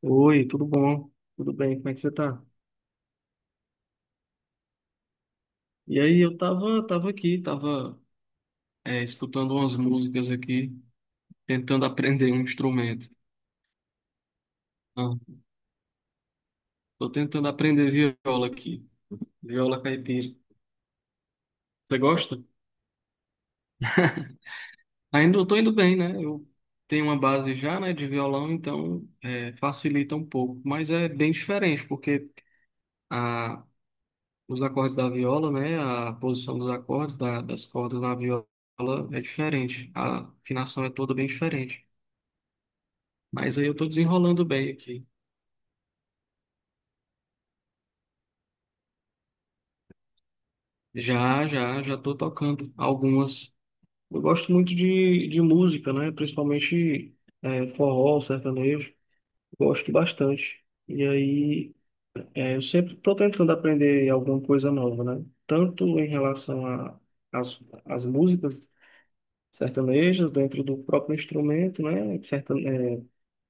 Oi, tudo bom? Tudo bem, como é que você tá? E aí, eu tava aqui, escutando umas músicas aqui, tentando aprender um instrumento. Ah, tô tentando aprender viola aqui, viola caipira. Você gosta? Ainda eu tô indo bem, né? Eu tenho uma base já, né, de violão, então facilita um pouco. Mas é bem diferente, porque a, os acordes da viola, né, a posição dos acordes, das cordas na viola é diferente. A afinação é toda bem diferente. Mas aí eu tô desenrolando bem aqui. Já, já, já tô tocando algumas. Eu gosto muito de música, né? Principalmente forró, sertanejo. Gosto bastante. E aí eu sempre tô tentando aprender alguma coisa nova, né? Tanto em relação a as, as músicas sertanejas dentro do próprio instrumento, né?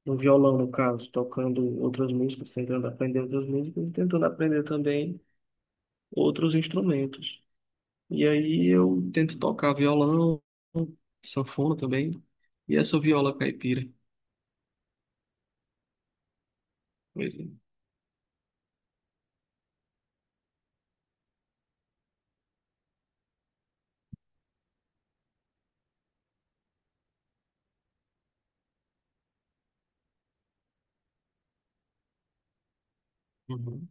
No violão, no caso, tocando outras músicas, tentando aprender outras músicas e tentando aprender também outros instrumentos. E aí eu tento tocar violão, sanfona também. E essa viola caipira. Pois é. Uhum.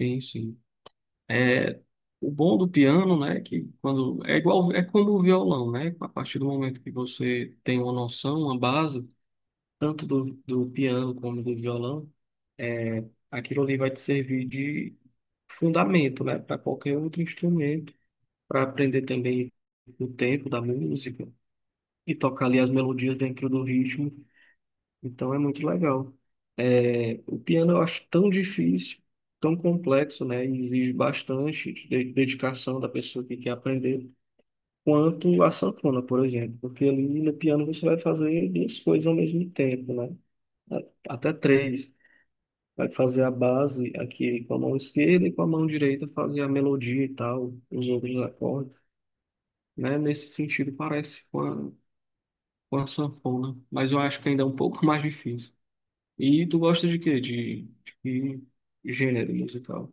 Sim, sim. É, o bom do piano, né, que quando é igual, é como o violão, né? A partir do momento que você tem uma noção, uma base, tanto do piano como do violão, aquilo ali vai te servir de fundamento, né, para qualquer outro instrumento, para aprender também o tempo da música e tocar ali as melodias dentro do ritmo. Então é muito legal. É, o piano eu acho tão difícil, tão complexo, né? E exige bastante dedicação da pessoa que quer aprender, quanto a sanfona, por exemplo. Porque ali no piano você vai fazer duas coisas ao mesmo tempo, né? A- Até três. Vai fazer a base aqui com a mão esquerda e com a mão direita fazer a melodia e tal, os outros acordes, né? Nesse sentido parece com a sanfona, mas eu acho que ainda é um pouco mais difícil. E tu gosta de quê? De que gênero musical?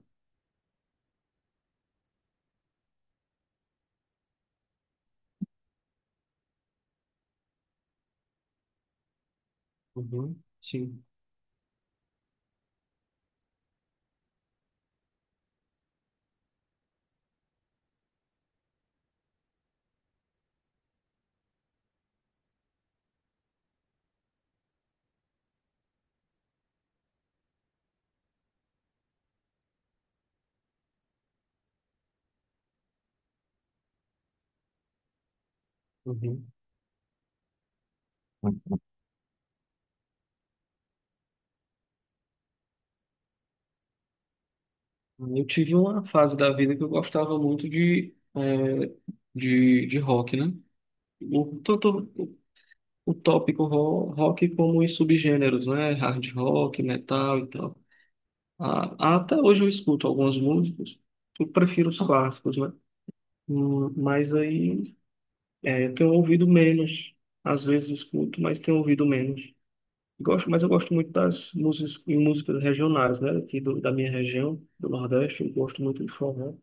Uhum, sim. Uhum. Eu tive uma fase da vida que eu gostava muito de rock, né? Tanto o tópico rock como os subgêneros, né? Hard rock, metal e tal. Ah, até hoje eu escuto alguns músicos, eu prefiro os clássicos, né? Mas aí eu tenho ouvido menos. Às vezes escuto, mas tenho ouvido menos. Gosto, mas eu gosto muito das músicas regionais, né? Aqui da minha região, do Nordeste, eu gosto muito de forró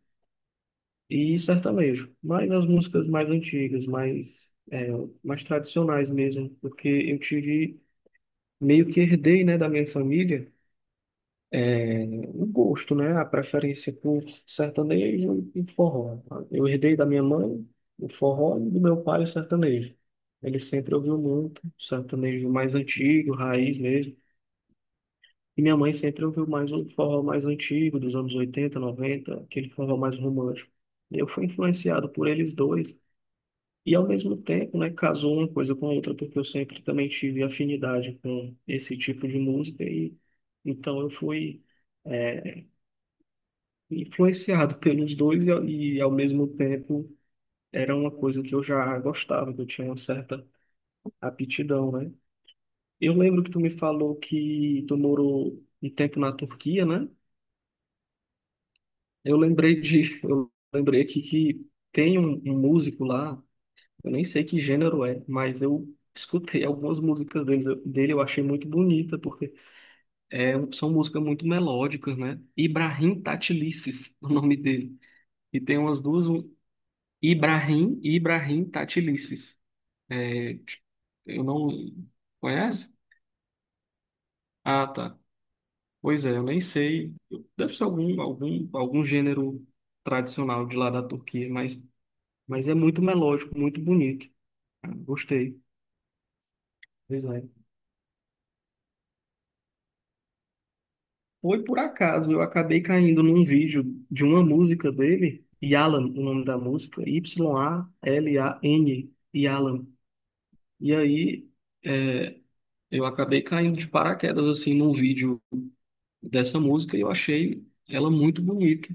e sertanejo. Mas as músicas mais antigas, mais tradicionais mesmo, porque meio que herdei, né, da minha família, é, o gosto, né? A preferência por sertanejo e forró. Eu herdei da minha mãe o forró e do meu pai o sertanejo. Ele sempre ouviu muito sertanejo mais antigo, raiz mesmo. E minha mãe sempre ouviu mais um forró mais antigo, dos anos 80, 90, aquele forró mais romântico. Eu fui influenciado por eles dois. E ao mesmo tempo, né, casou uma coisa com a outra, porque eu sempre também tive afinidade com esse tipo de música. E então eu fui, é, influenciado pelos dois e ao mesmo tempo era uma coisa que eu já gostava, que eu tinha uma certa aptidão, né? Eu lembro que tu me falou que tu morou um tempo na Turquia, né? Eu lembrei aqui que tem um músico lá, eu nem sei que gênero é, mas eu escutei algumas músicas dele, eu achei muito bonita, porque são músicas muito melódicas, né? Ibrahim Tatilices, o nome dele. E tem umas duas, Ibrahim e Ibrahim Tatilices. É, eu não conhece? Ah, tá. Pois é, eu nem sei. Deve ser algum gênero tradicional de lá da Turquia, mas é muito melódico, muito bonito. Ah, gostei. Pois é. Foi por acaso, eu acabei caindo num vídeo de uma música dele, Yalan, o nome da música, Y-A-L-A-N, Yalan. E aí, é, eu acabei caindo de paraquedas, assim, num vídeo dessa música e eu achei ela muito bonita.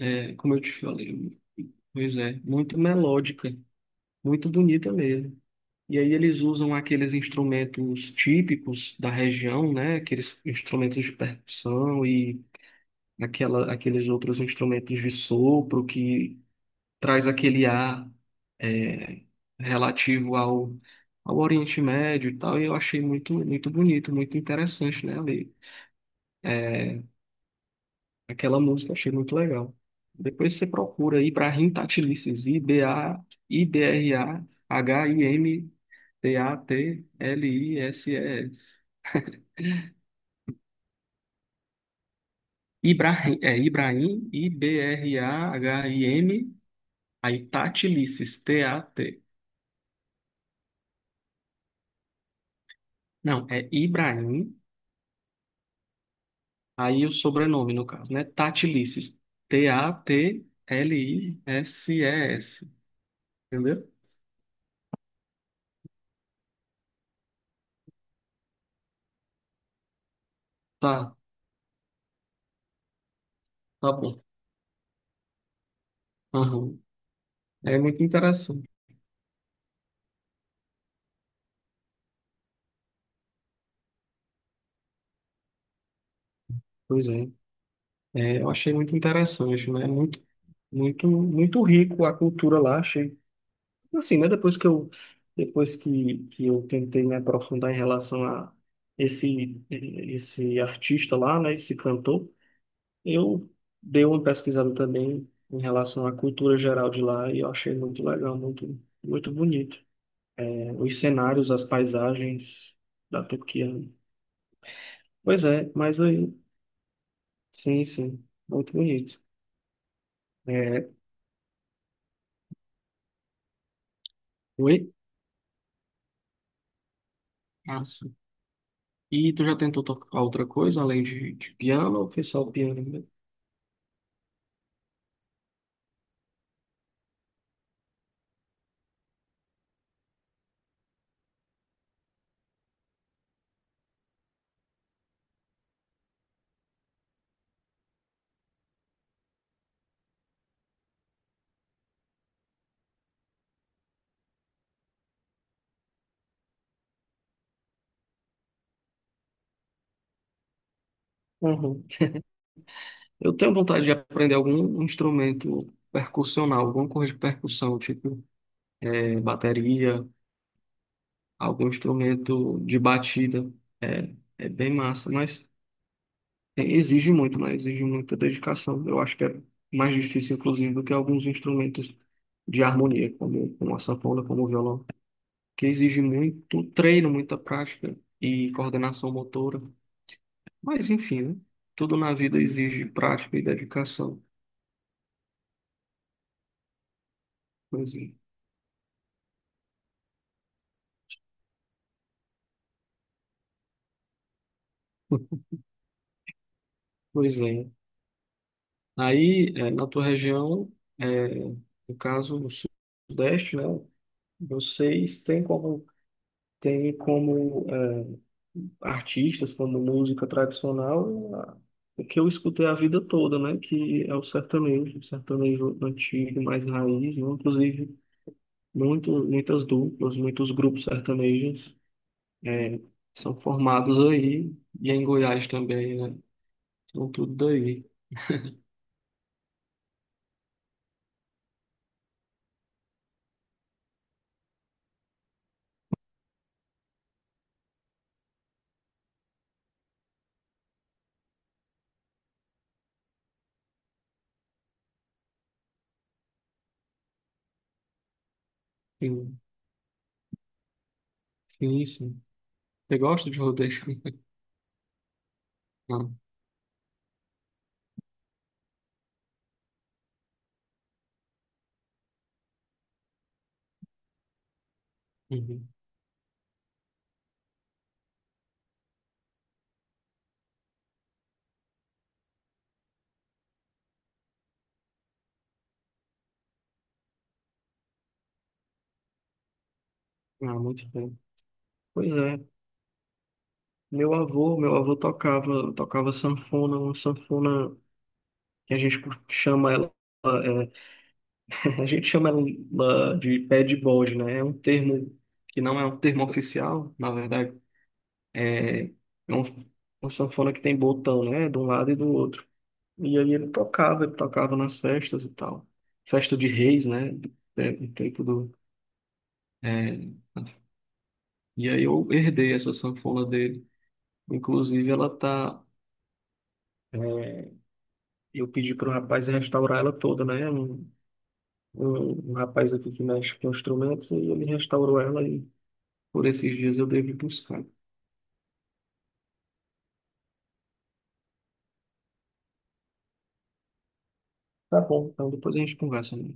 É, como eu te falei, pois é, muito melódica, muito bonita mesmo. E aí eles usam aqueles instrumentos típicos da região, né? Aqueles instrumentos de percussão e aqueles outros instrumentos de sopro que traz aquele ar é, relativo ao Oriente Médio e tal. E eu achei muito, muito bonito, muito interessante, né, ali. É, aquela música eu achei muito legal. Depois você procura Ibrahim Tatilices, I-B-R-A-H-I-M-T-A-T-L-I-S-E-S. A I B R A H I M T A T L I S E S. Ibrahim, é Ibrahim, I-B-R-A-H-I-M, aí Tatilices, T-A-T. Não, é Ibrahim, aí o sobrenome no caso, né? Tatilices, T-A-T-L-I-S-E-S. Entendeu? Tá, tá bom. Aham. É muito interessante. Pois é. É, eu achei muito interessante, né? Muito, muito, muito rico a cultura lá, achei. Assim, né? Depois que eu tentei me aprofundar em relação a esse artista lá, né? Esse cantor, eu dei uma pesquisada também em relação à cultura geral de lá e eu achei muito legal, muito, muito bonito. É, os cenários, as paisagens da Turquia. Pois é, mas aí, sim, sim, muito bonito. É, oi? Ah, e tu já tentou tocar outra coisa além de piano ou foi só o piano mesmo? Uhum. Eu tenho vontade de aprender algum instrumento percussional, alguma coisa de percussão, tipo bateria, algum instrumento de batida. É bem massa, mas exige muito, né? Exige muita dedicação. Eu acho que é mais difícil, inclusive, do que alguns instrumentos de harmonia, como a sanfona, como o violão, que exige muito treino, muita prática e coordenação motora. Mas enfim, né? Tudo na vida exige prática e dedicação. Pois é. Pois é. Aí, na tua região, é, no caso, no Sudeste, né? Vocês têm como, artistas, como música tradicional, o que eu escutei a vida toda, né? Que é o sertanejo antigo, mais raiz, né? Inclusive, muitas duplas, muitos grupos sertanejos É, são formados aí, e em Goiás também, né? São tudo daí. Sim, sim, sim. Você gosta de rodeio? Não. Uhum. Ah, muito bem. Pois é. Meu avô tocava sanfona, uma sanfona que a gente chama ela, é, a gente chama ela de pé de bode, né? É um termo que não é um termo oficial, na verdade. É um- uma sanfona que tem botão, né? De um lado e do outro. E aí ele tocava nas festas e tal. Festa de reis, né? É, no tempo do. é, E aí eu herdei essa sanfona dele. Inclusive, ela tá. é, Eu pedi para o rapaz restaurar ela toda, né? Um rapaz aqui que mexe com instrumentos e ele restaurou ela e por esses dias eu devo buscar. Tá bom, então depois a gente conversa, né?